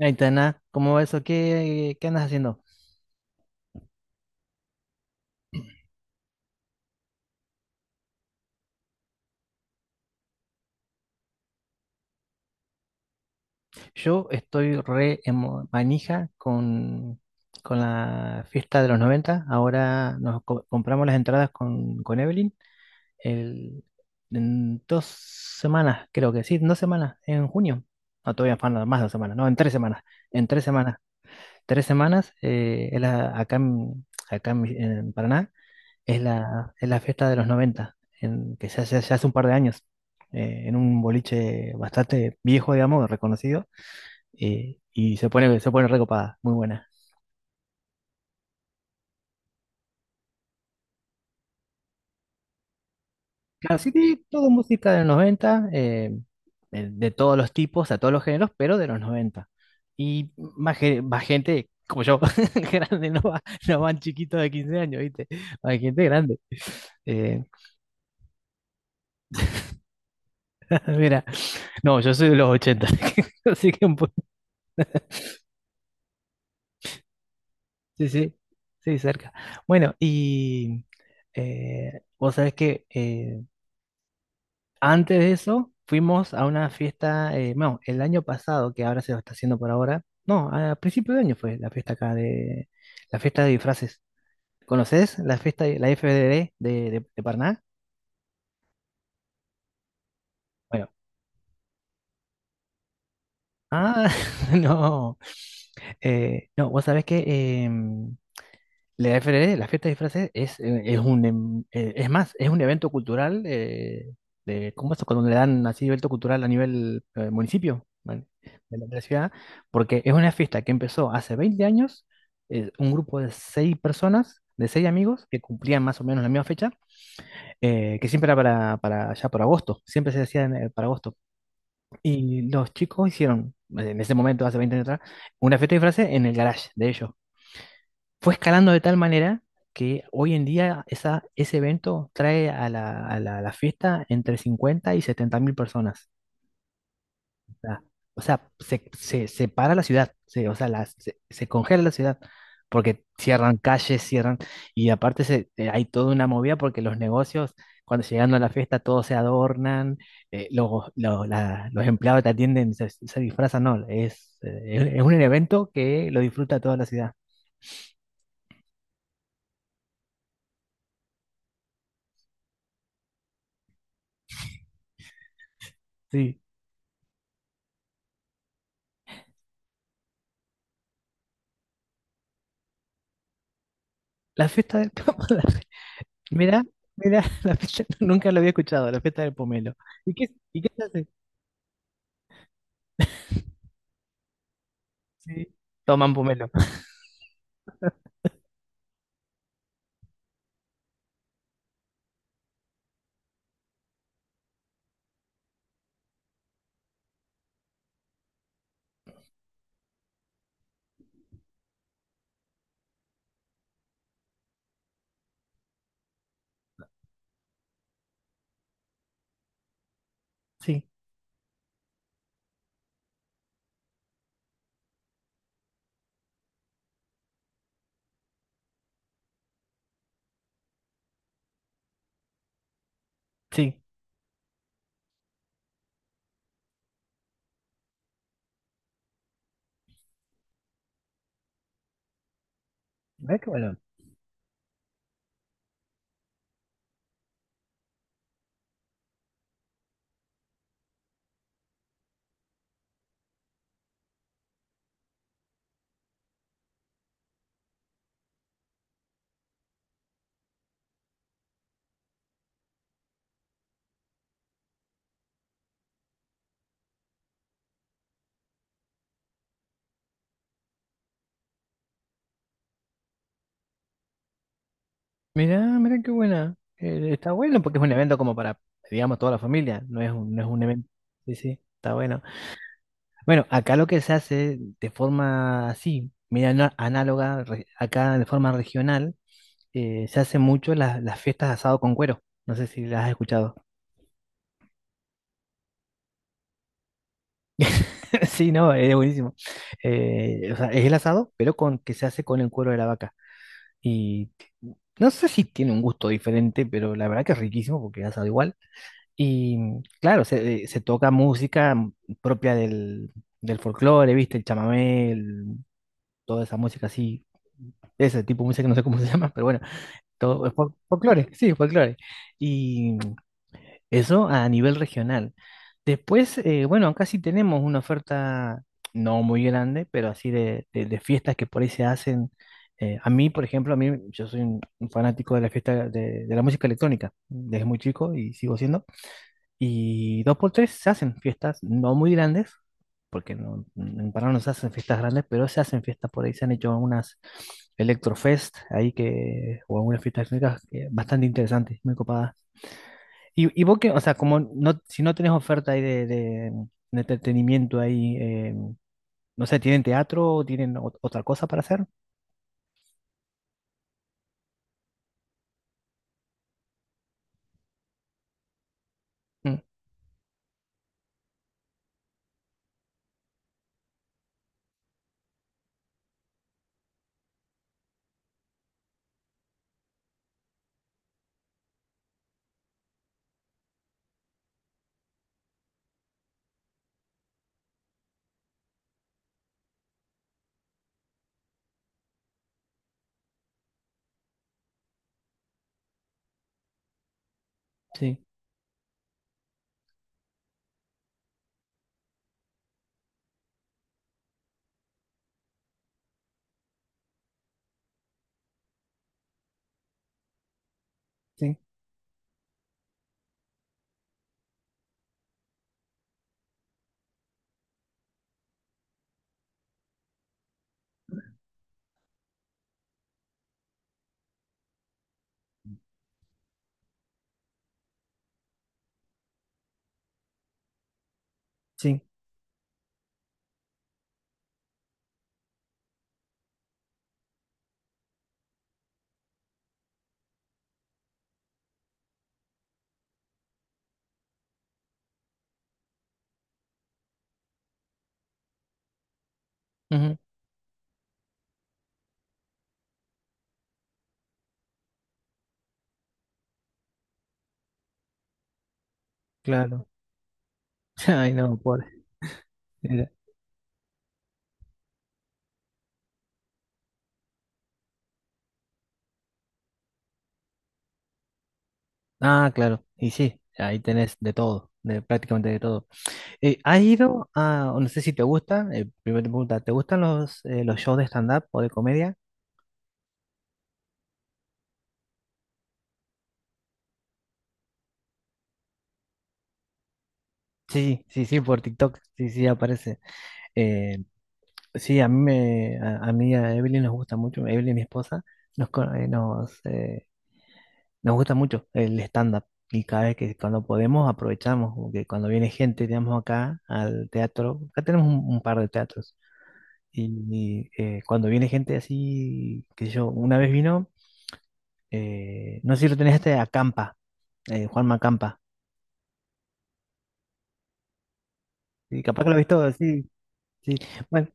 Aitana, ¿cómo va eso? ¿Qué andas haciendo? Yo estoy re manija con la fiesta de los 90. Ahora nos compramos las entradas con Evelyn el- en dos semanas, creo que sí, en dos semanas, en junio. No, todavía faltan más de dos semanas, no, en tres semanas. En tres semanas. Tres semanas, es acá, acá en Paraná. Es es la fiesta de los 90 en, que se hace un par de años, en un boliche bastante viejo, digamos, reconocido, y se pone recopada, muy buena. Claro, sí, sí, todo música de los noventa, de todos los tipos, a todos los géneros, pero de los noventa. Y más, más gente como yo, grande, no, no van chiquitos de 15 años, ¿viste? Hay gente grande. Eh, mira, no, yo soy de los ochenta. Así que un sí, sí, sí, cerca. Bueno, vos sabés que, antes de eso fuimos a una fiesta, bueno, el año pasado, que ahora se lo está haciendo por ahora, no, a principio de año fue la fiesta acá de, la fiesta de disfraces. ¿Conoces la fiesta, la FDD de Paraná? Bueno, ah, no, no, vos sabés que em, la FRD, la fiesta de disfraces, es un, es más, es un evento cultural, de, ¿cómo es? Cuando le dan así evento cultural a nivel, municipio, ¿vale? De de la ciudad, porque es una fiesta que empezó hace 20 años, un grupo de seis personas, de seis amigos, que cumplían más o menos la misma fecha, que siempre era para ya por agosto, siempre se hacía en, para agosto. Y los chicos hicieron, en ese momento, hace 20 años atrás, una fiesta de disfraces en el garage de ellos, fue escalando de tal manera que hoy en día esa, ese evento trae a a a la fiesta entre 50 y 70 mil personas. O sea, o sea, se para la ciudad, se, o sea, se congela la ciudad, porque cierran calles, cierran, y aparte se, hay toda una movida porque los negocios, cuando llegando a la fiesta, todos se adornan, los empleados que te atienden, se disfrazan, no, es un evento que lo disfruta toda la ciudad. Sí. La fiesta del campo. Mira, mira, la fiesta, nunca lo había escuchado, la fiesta del pomelo. ¿Y qué, ¿y qué se hace? Sí, toman pomelo. Sí, sí. Mira qué bueno. Mira, mira qué buena. Está bueno porque es un evento como para, digamos, toda la familia. No es un, no es un evento. Sí, sí, está bueno. Bueno, acá lo que se hace de forma así, mira, análoga, acá de forma regional, se hace mucho las fiestas de asado con cuero. No sé si las has escuchado. Sí, no, es buenísimo. O sea, es el asado, pero con que se hace con el cuero de la vaca. Y no sé si tiene un gusto diferente, pero la verdad que es riquísimo porque es asado igual. Y mm, claro, se, se toca música, mm, propia del, del folclore, ¿viste? El chamamé, el- toda esa música así, ese tipo de música que no sé cómo se llama, pero bueno, todo es folclore, sí, folclore. Y mm, eso a nivel regional. Después, bueno, acá sí tenemos una oferta no muy grande, pero así de, de fiestas que por ahí se hacen. A mí, por ejemplo, a mí yo soy un fanático de la fiesta de la música electrónica desde muy chico y sigo siendo. Y dos por tres se hacen fiestas no muy grandes, porque no, en Paraná no se hacen fiestas grandes, pero se hacen fiestas por ahí. Se han hecho unas Electrofest ahí que, o algunas fiestas electrónicas que bastante interesantes, muy copadas. Y vos que, o sea, como no, si no tenés oferta ahí de, de entretenimiento ahí, no sé, ¿tienen teatro o tienen otra cosa para hacer? Mm, sí, sí, sí, ujú, claro. Ay, no, pobre. Mira. Ah, claro, y sí, ahí tenés de todo, de prácticamente de todo. ¿Has ido a, o no sé si te gusta, primera pregunta, ¿te gustan los shows de stand-up o de comedia? Sí, sí, sí, por TikTok, sí, sí, aparece. Eh, Sí, a mí me, a mí a Evelyn nos gusta mucho, Evelyn, mi esposa, nos, nos gusta mucho el stand-up y cada vez que cuando podemos aprovechamos, como que cuando viene gente, digamos acá al teatro, acá tenemos un par de teatros y, cuando viene gente así, que yo, una vez vino, no sé si lo tenés este, Acampa, Juanma Acampa, y capaz que lo has visto, sí, sí, bueno.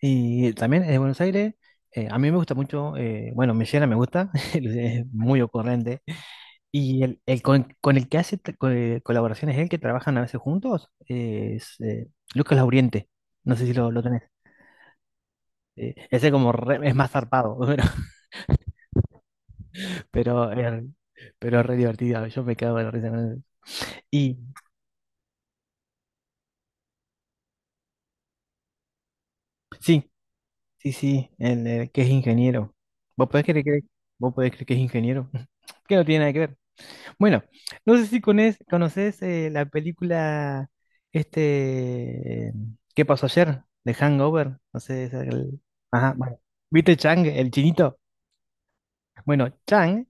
Y también es de Buenos Aires. Eh, a mí me gusta mucho, bueno, Mellera me gusta, es muy ocurrente. Y el con el que hace colaboraciones, él que trabajan a veces juntos, es Lucas Lauriente. No sé si lo tenés. Ese como es más zarpado, pero, eh, pero es re divertido. Yo me quedo de la risa con él. Y sí, sí, sí, el, que es ingeniero. ¿Vos podés creer que, vos podés creer que es ingeniero? Que no tiene nada que ver. Bueno, no sé si conoces, la película este ¿Qué pasó ayer?, de Hangover, no sé, es el- ajá, bueno. ¿Viste Chang, el chinito? Bueno, Chang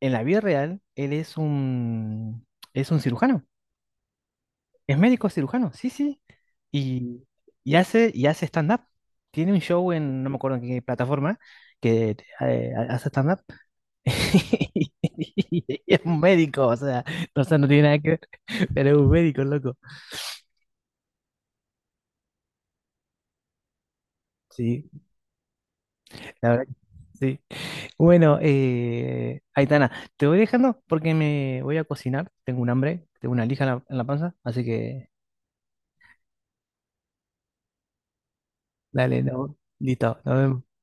en la vida real él es un, es un cirujano, es médico cirujano, sí, sí, y, y hace stand-up. Tiene un show en no me acuerdo en qué plataforma que, hace stand-up. Y es un médico, o sea, no tiene nada que ver, pero es un médico, loco. Sí, la verdad, que sí. Bueno, Aitana, te voy dejando porque me voy a cocinar. Tengo un hambre, tengo una lija en en la panza, así que dale, no, listo, nos vemos.